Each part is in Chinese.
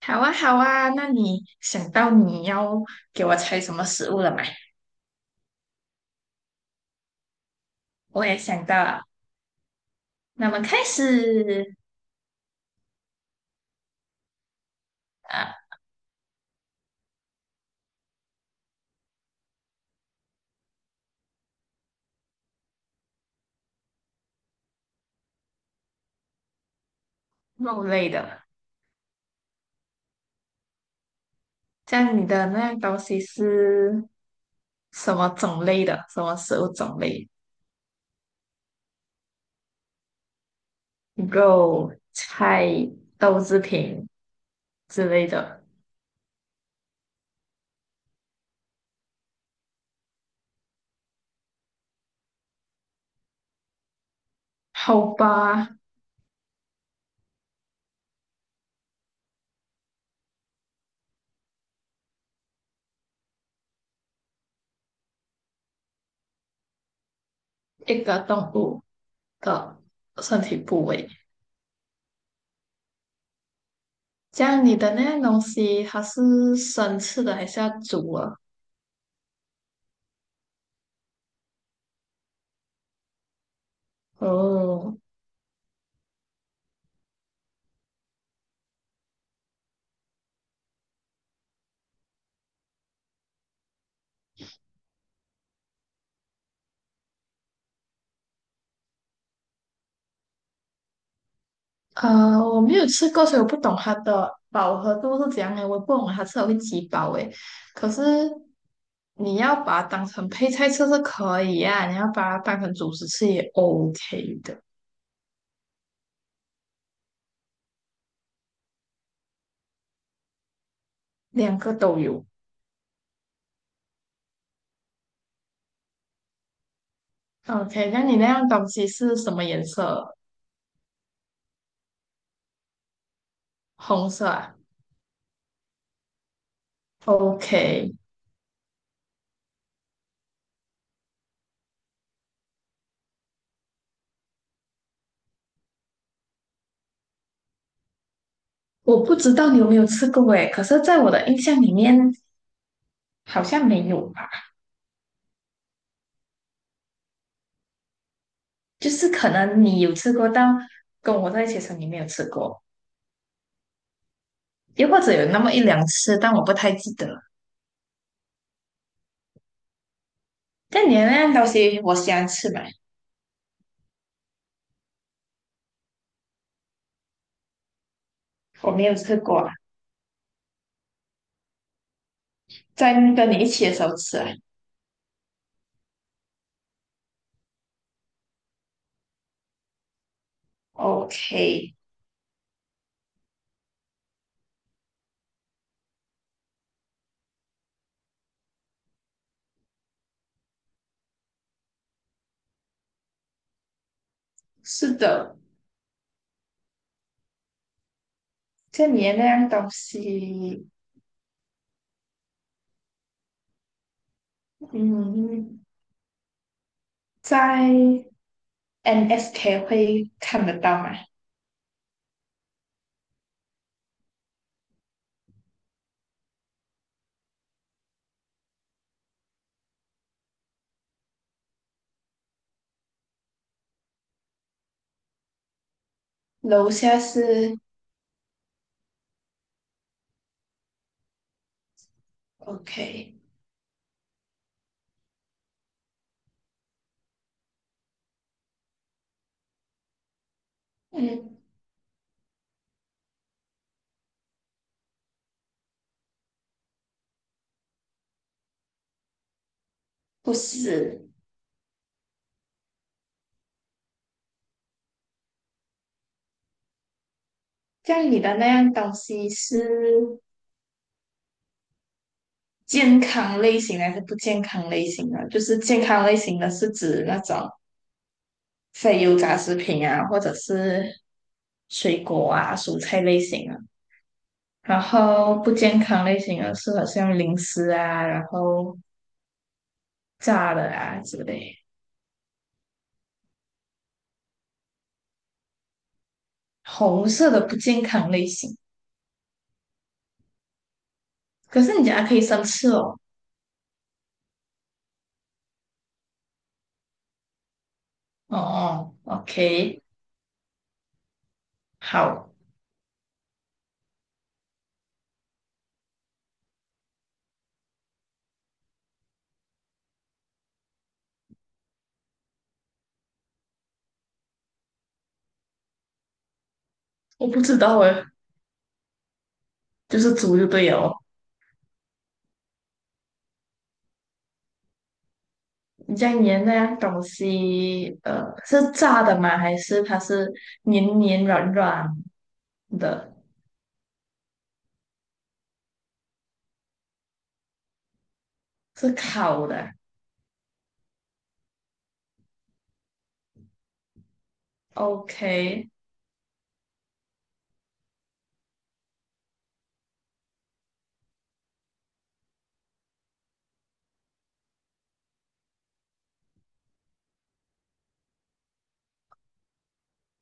好啊，好啊，那你想到你要给我猜什么食物了吗？我也想到了，那么开始啊，肉类的。这样你的那样东西是什么种类的？什么食物种类？肉、菜、豆制品之类的。好吧，一个动物的身体部位。这样你的那样东西，它是生吃的还是要煮啊？哦。我没有吃过，所以我不懂它的饱和度是怎样的。我不懂它吃了会几饱诶。可是你要把它当成配菜吃是可以啊，你要把它当成主食吃也 OK 的，两个都有。OK，那你那样东西是什么颜色？红色啊？OK，我不知道你有没有吃过诶，可是在我的印象里面好像没有吧，就是可能你有吃过，但跟我在一起的时候你没有吃过。又或者有那么一两次，但我不太记得。但你的那样东西，我喜欢吃嘛，我没有吃过啊，在跟你一起的时候吃啊。OK，是的，这你的那样东西，嗯，在 NSK 会看得到吗？楼下是 OK，嗯，不是。这样你的那样东西是健康类型还是不健康类型的？就是健康类型的是指那种非油炸食品啊，或者是水果啊、蔬菜类型啊。然后不健康类型的是好像零食啊，然后炸的啊之类。红色的不健康类型，可是你讲它可以生吃哦。哦哦，OK，好，我不知道诶，就是煮就对了哦。你这样粘那样东西，是炸的吗？还是它是黏黏软软的？是烤的？OK，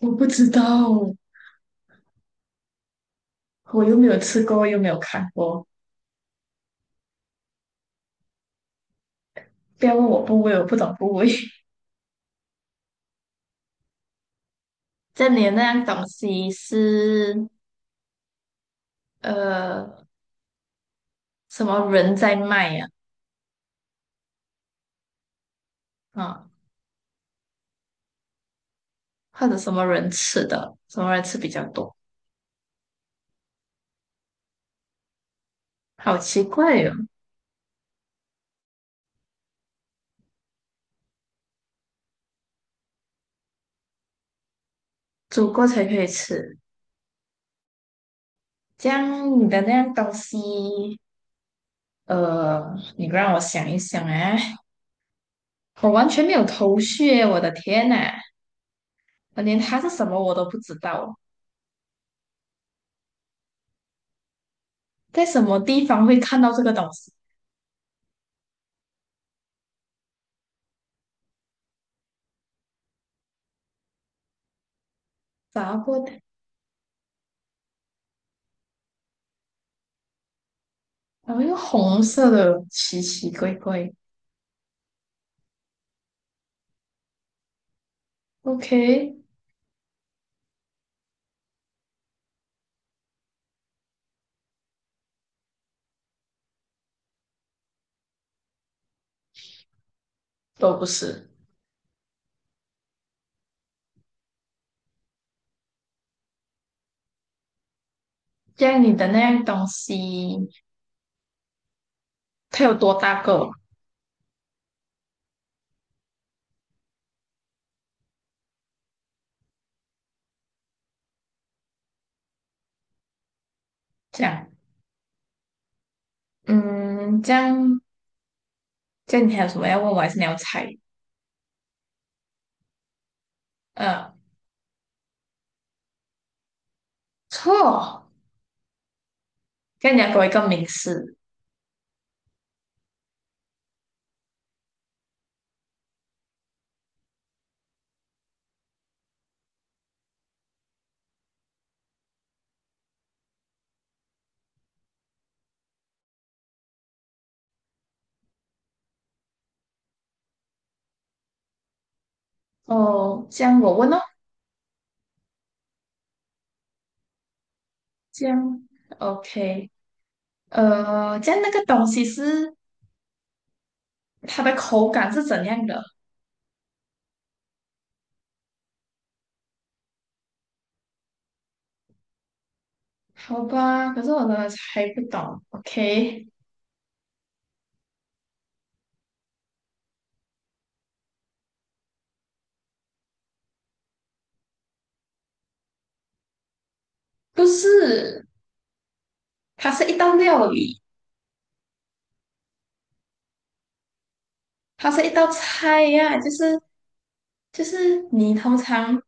我不知道，我又没有吃过，又没有看过。不要问我部位，我不懂部位。这里的那样东西是呃什么人在卖呀、啊？啊或者什么人吃的？什么人吃比较多？好奇怪哟、哦，煮过才可以吃。这样你的那样东西，你让我想一想啊，我完全没有头绪耶，我的天呐，我连它是什么我都不知道，在什么地方会看到这个东西？炸过的。然后一个红色的奇奇怪怪，OK，都不是。这样你的那样东西，它有多大个？这样，嗯，这样，这样你还有什么要问我，还是你要猜？呃，错，这样你要给我一个名词。哦，这样我问哦，这样，OK，这样那个东西是它的口感是怎样的？好吧，可是我真的猜不懂。OK，不是，它是一道料理。它是一道菜呀、就是你通常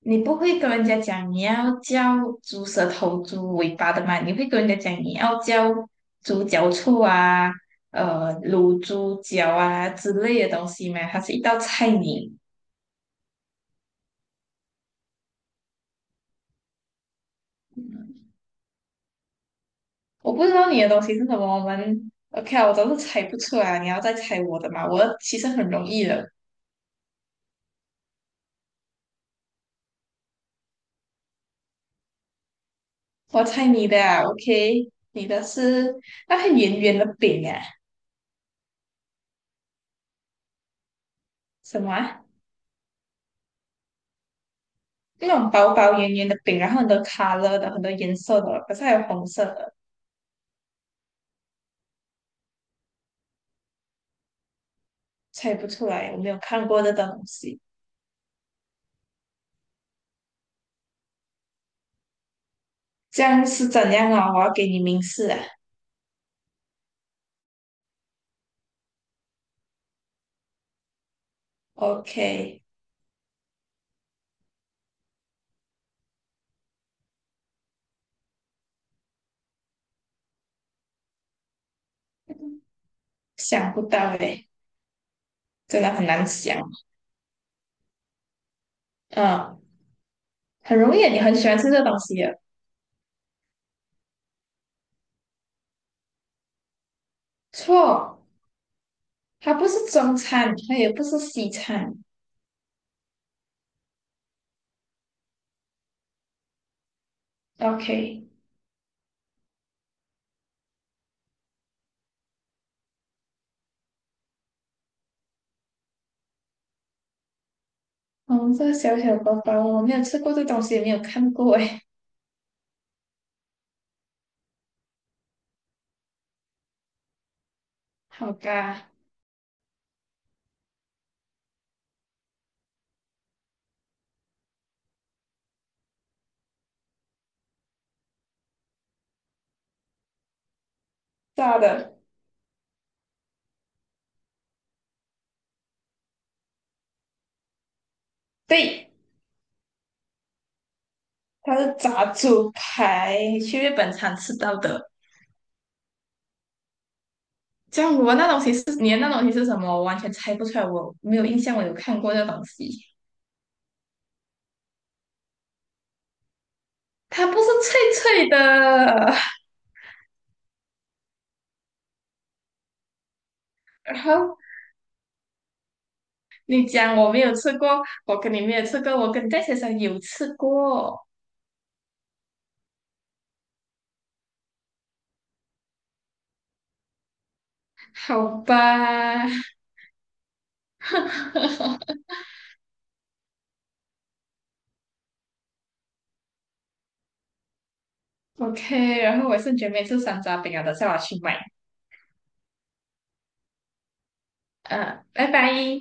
你不会跟人家讲你要叫猪舌头、猪尾巴的嘛，你会跟人家讲你要叫猪脚醋啊、卤猪脚啊之类的东西嘛，它是一道菜名。我不知道你的东西是什么，我们 OK 啊，我都是猜不出来啊，你要再猜我的嘛，我的其实很容易的，我猜你的啊，OK，你的是那个圆圆的饼啊，什么啊？那种薄薄圆圆的饼，然后很多 color 的，很多颜色的，可是还有红色的，猜不出来，我没有看过这种东西。这样是怎样啊？我要给你明示啊。OK，想不到诶，真的很难想。嗯，很容易啊你很喜欢吃这东西的。错，它不是中餐，它也不是西餐。OK，红色小小包包，我没有吃过这东西，也没有看过诶。好吧，炸的，对。它是炸猪排，去日本常吃到的。这样我那东西是你的那东西是什么？我完全猜不出来，我没有印象，我有看过这东西。它不是脆脆的。然后你讲我没有吃过，我跟你没有吃过，我跟戴先生有吃过，好吧 ？OK，然后我是绝备吃山楂饼啊，等下我去买。嗯，拜拜。